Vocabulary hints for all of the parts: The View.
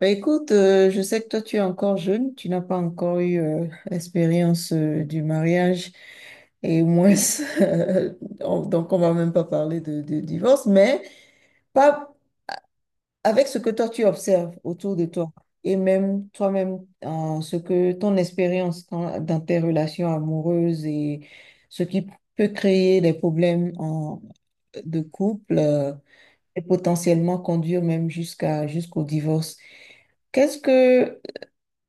Bah, écoute, je sais que toi, tu es encore jeune, tu n'as pas encore eu l'expérience du mariage et moins, euh, donc on va même pas parler de divorce, mais pas avec ce que toi, tu observes autour de toi et même toi-même, ce que ton expérience dans tes relations amoureuses et ce qui peut créer des problèmes de couple et potentiellement conduire même jusqu'à, jusqu'au divorce. Qu'est-ce que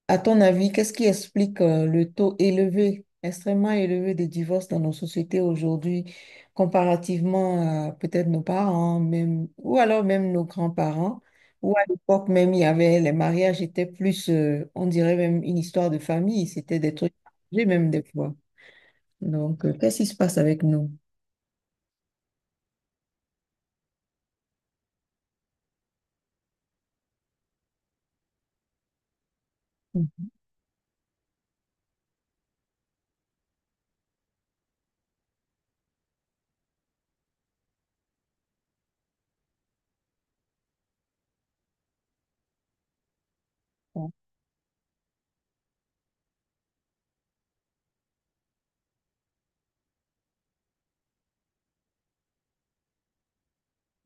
À ton avis, qu'est-ce qui explique le taux élevé, extrêmement élevé des divorces dans nos sociétés aujourd'hui, comparativement à peut-être nos parents, même, ou alors même nos grands-parents, où à l'époque même, il y avait, les mariages étaient plus, on dirait même une histoire de famille, c'était des trucs, j'ai même des fois. Donc, qu'est-ce qui se passe avec nous? Mm.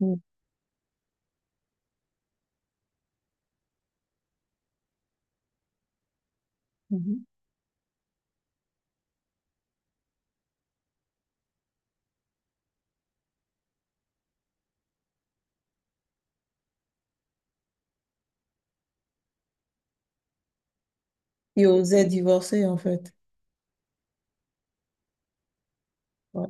Mm. Mhm. Qui osaient divorcer, en fait. Ouais.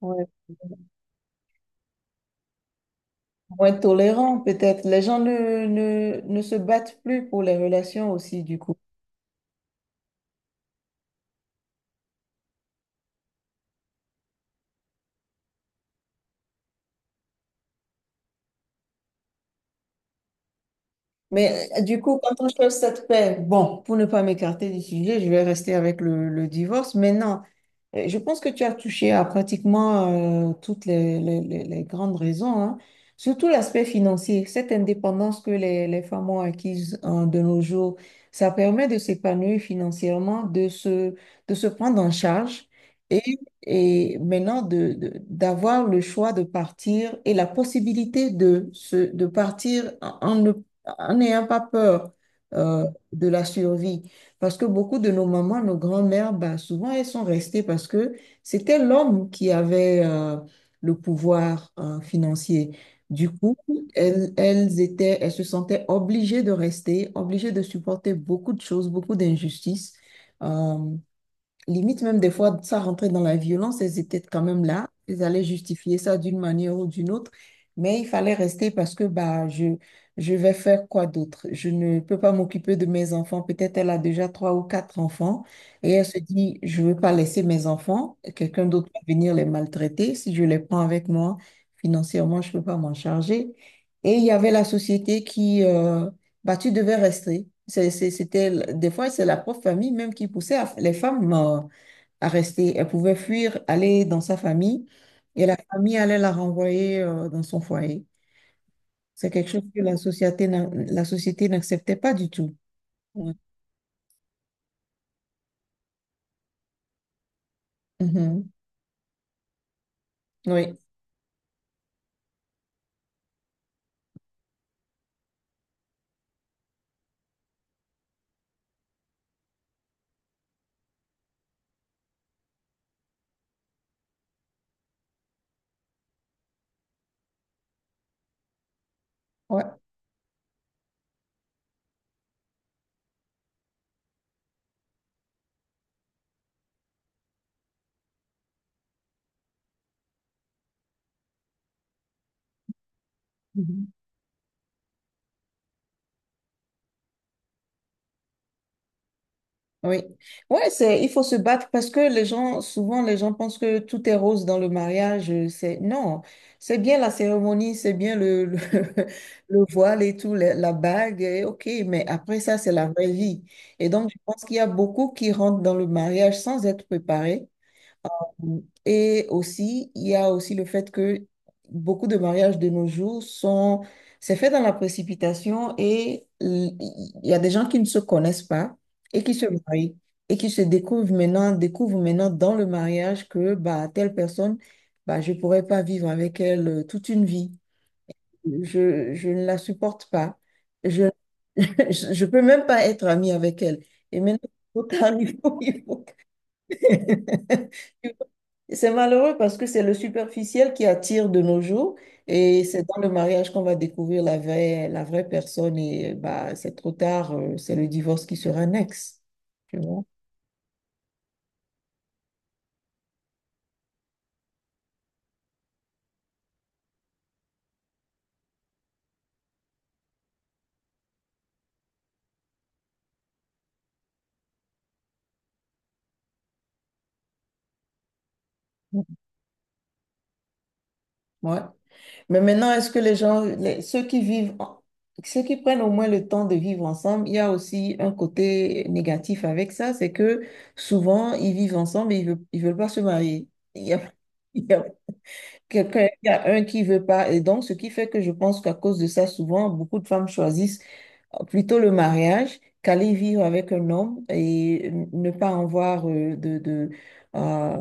Ouais. Moins tolérant peut-être. Les gens ne se battent plus pour les relations aussi, du coup. Mais du coup, quand on cherche cette paix, bon, pour ne pas m'écarter du sujet, je vais rester avec le divorce. Maintenant, je pense que tu as touché à pratiquement toutes les grandes raisons, hein. Surtout l'aspect financier, cette indépendance que les femmes ont acquise de nos jours, ça permet de s'épanouir financièrement, de se prendre en charge et, et maintenant d'avoir le choix de partir et la possibilité de, se, de partir en n'ayant pas peur de la survie. Parce que beaucoup de nos mamans, nos grands-mères, bah, souvent elles sont restées parce que c'était l'homme qui avait le pouvoir financier. Du coup, elles se sentaient obligées de rester, obligées de supporter beaucoup de choses, beaucoup d'injustices. Euh, Limite, même des fois, ça rentrait dans la violence, elles étaient quand même là. Elles allaient justifier ça d'une manière ou d'une autre. Mais il fallait rester parce que bah, je vais faire quoi d'autre? Je ne peux pas m'occuper de mes enfants. Peut-être elle a déjà trois ou quatre enfants et elle se dit, je ne veux pas laisser mes enfants. Quelqu'un d'autre va venir les maltraiter. Si je les prends avec moi, financièrement, je ne peux pas m'en charger. Et il y avait la société qui, bah, tu devais rester. C'était, des fois, c'est la propre famille même qui poussait les femmes à rester. Elles pouvaient fuir, aller dans sa famille et la famille allait la renvoyer dans son foyer. C'est quelque chose que la société n'acceptait pas du tout. Ouais. Mhm. Oui. Ouais. Mhm. Oui, il faut se battre parce que les gens, souvent, les gens pensent que tout est rose dans le mariage. Non, c'est bien la cérémonie, c'est bien le voile et tout, la bague, et ok, mais après ça, c'est la vraie vie. Et donc, je pense qu'il y a beaucoup qui rentrent dans le mariage sans être préparés. Et aussi, il y a aussi le fait que beaucoup de mariages de nos jours c'est fait dans la précipitation et il y a des gens qui ne se connaissent pas et qui se marient et qui se découvrent maintenant dans le mariage que bah, telle personne, bah, je ne pourrais pas vivre avec elle toute une vie. Je ne la supporte pas. Je je peux même pas être amie avec elle. Et maintenant, il faut, il faut- C'est malheureux parce que c'est le superficiel qui attire de nos jours et c'est dans le mariage qu'on va découvrir la vraie personne et bah, c'est trop tard, c'est le divorce qui sera next. Tu vois? Ouais. Mais maintenant, est-ce que les gens, ceux qui vivent, ceux qui prennent au moins le temps de vivre ensemble, il y a aussi un côté négatif avec ça, c'est que souvent, ils vivent ensemble et ils veulent pas se marier. Il y a, il y a il y a un qui veut pas. Et donc, ce qui fait que je pense qu'à cause de ça, souvent, beaucoup de femmes choisissent plutôt le mariage qu'aller vivre avec un homme et ne pas avoir euh,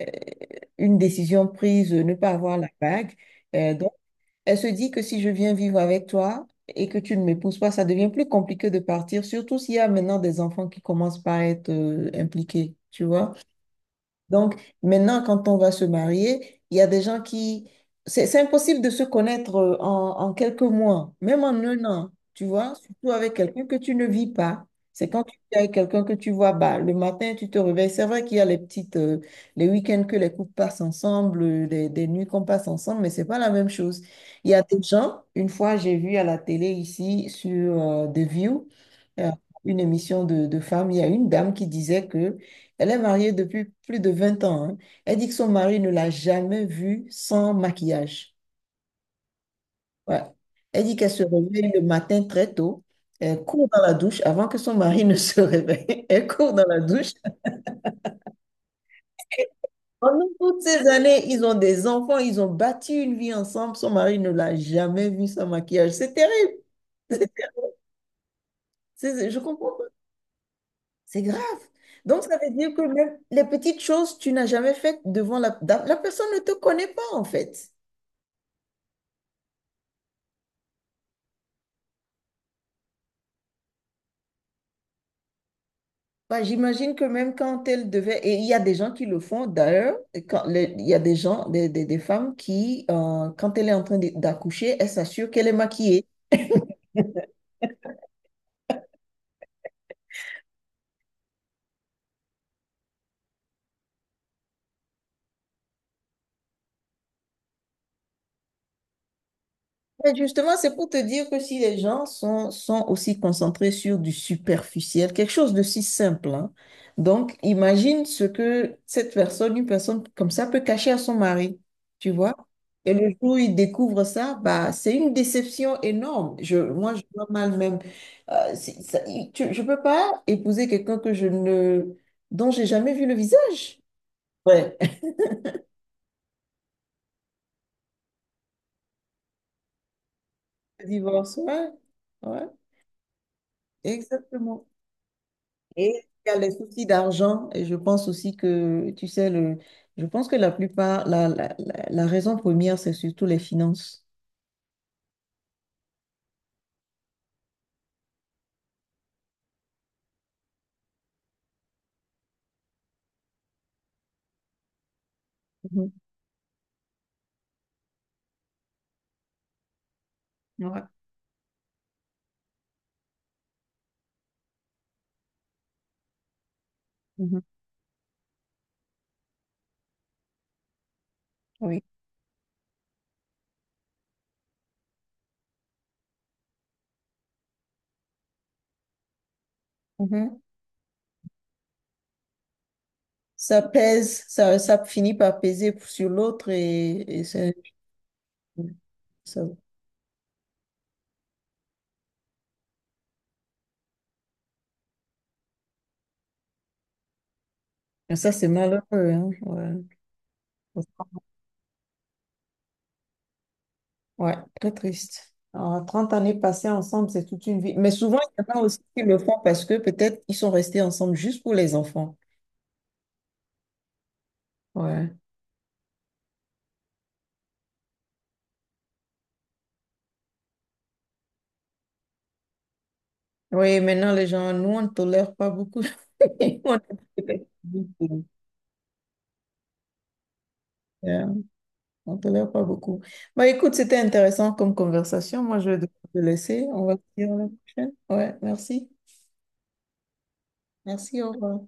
euh, une décision prise, ne pas avoir la bague. Donc, elle se dit que si je viens vivre avec toi et que tu ne m'épouses pas, ça devient plus compliqué de partir, surtout s'il y a maintenant des enfants qui commencent par être impliqués, tu vois. Donc, maintenant, quand on va se marier, il y a des gens qui. C'est impossible de se connaître en quelques mois, même en un an, tu vois, surtout avec quelqu'un que tu ne vis pas. C'est quand tu es avec quelqu'un que tu vois, bah, le matin, tu te réveilles. C'est vrai qu'il y a les petites, les week-ends que les couples passent ensemble, des nuits qu'on passe ensemble, mais c'est pas la même chose. Il y a des gens, une fois, j'ai vu à la télé ici sur The View, euh, une émission de femmes, il y a une dame qui disait que elle est mariée depuis plus de 20 ans, hein. Elle dit que son mari ne l'a jamais vue sans maquillage. Ouais. Elle dit qu'elle se réveille le matin très tôt. Elle court dans la douche avant que son mari ne se réveille. Elle court dans la douche. Pendant toutes ces années, ils ont des enfants, ils ont bâti une vie ensemble. Son mari ne l'a jamais vue sans maquillage. C'est terrible. Je comprends pas. C'est grave. Donc, ça veut dire que même les petites choses, tu n'as jamais faites devant la. La personne ne te connaît pas, en fait. Bah, j'imagine que même quand elle devait, et il y a des gens qui le font d'ailleurs, et quand il y a des gens, des femmes qui, quand elle est en train d'accoucher, elle s'assure qu'elle est maquillée. Mais justement, c'est pour te dire que si les gens sont aussi concentrés sur du superficiel, quelque chose de si simple, hein. Donc, imagine ce que cette personne, une personne comme ça, peut cacher à son mari, tu vois? Et le jour où il découvre ça, bah, c'est une déception énorme. Moi, je vois mal même. Je ne peux pas épouser quelqu'un que je ne, dont j'ai jamais vu le visage. Ouais. Divorce, ouais. Ouais, exactement. Et il y a les soucis d'argent. Et je pense aussi que, tu sais, le, je pense que la plupart, la raison première, c'est surtout les finances. Mhm. Ouais. Mhm. Oui. Mhm. Ça pèse, ça finit par peser sur l'autre ça, et ça, c'est malheureux, hein. Ouais. Ouais, très triste. Alors, 30 années passées ensemble, c'est toute une vie. Mais souvent, il y en a aussi qui le font parce que peut-être ils sont restés ensemble juste pour les enfants. Ouais. Oui, maintenant, les gens, nous, on ne tolère pas beaucoup. On ne tolère pas beaucoup. Bah, écoute, c'était intéressant comme conversation. Moi, je vais devoir te laisser. On va se dire à la prochaine. Ouais, merci. Merci, au revoir.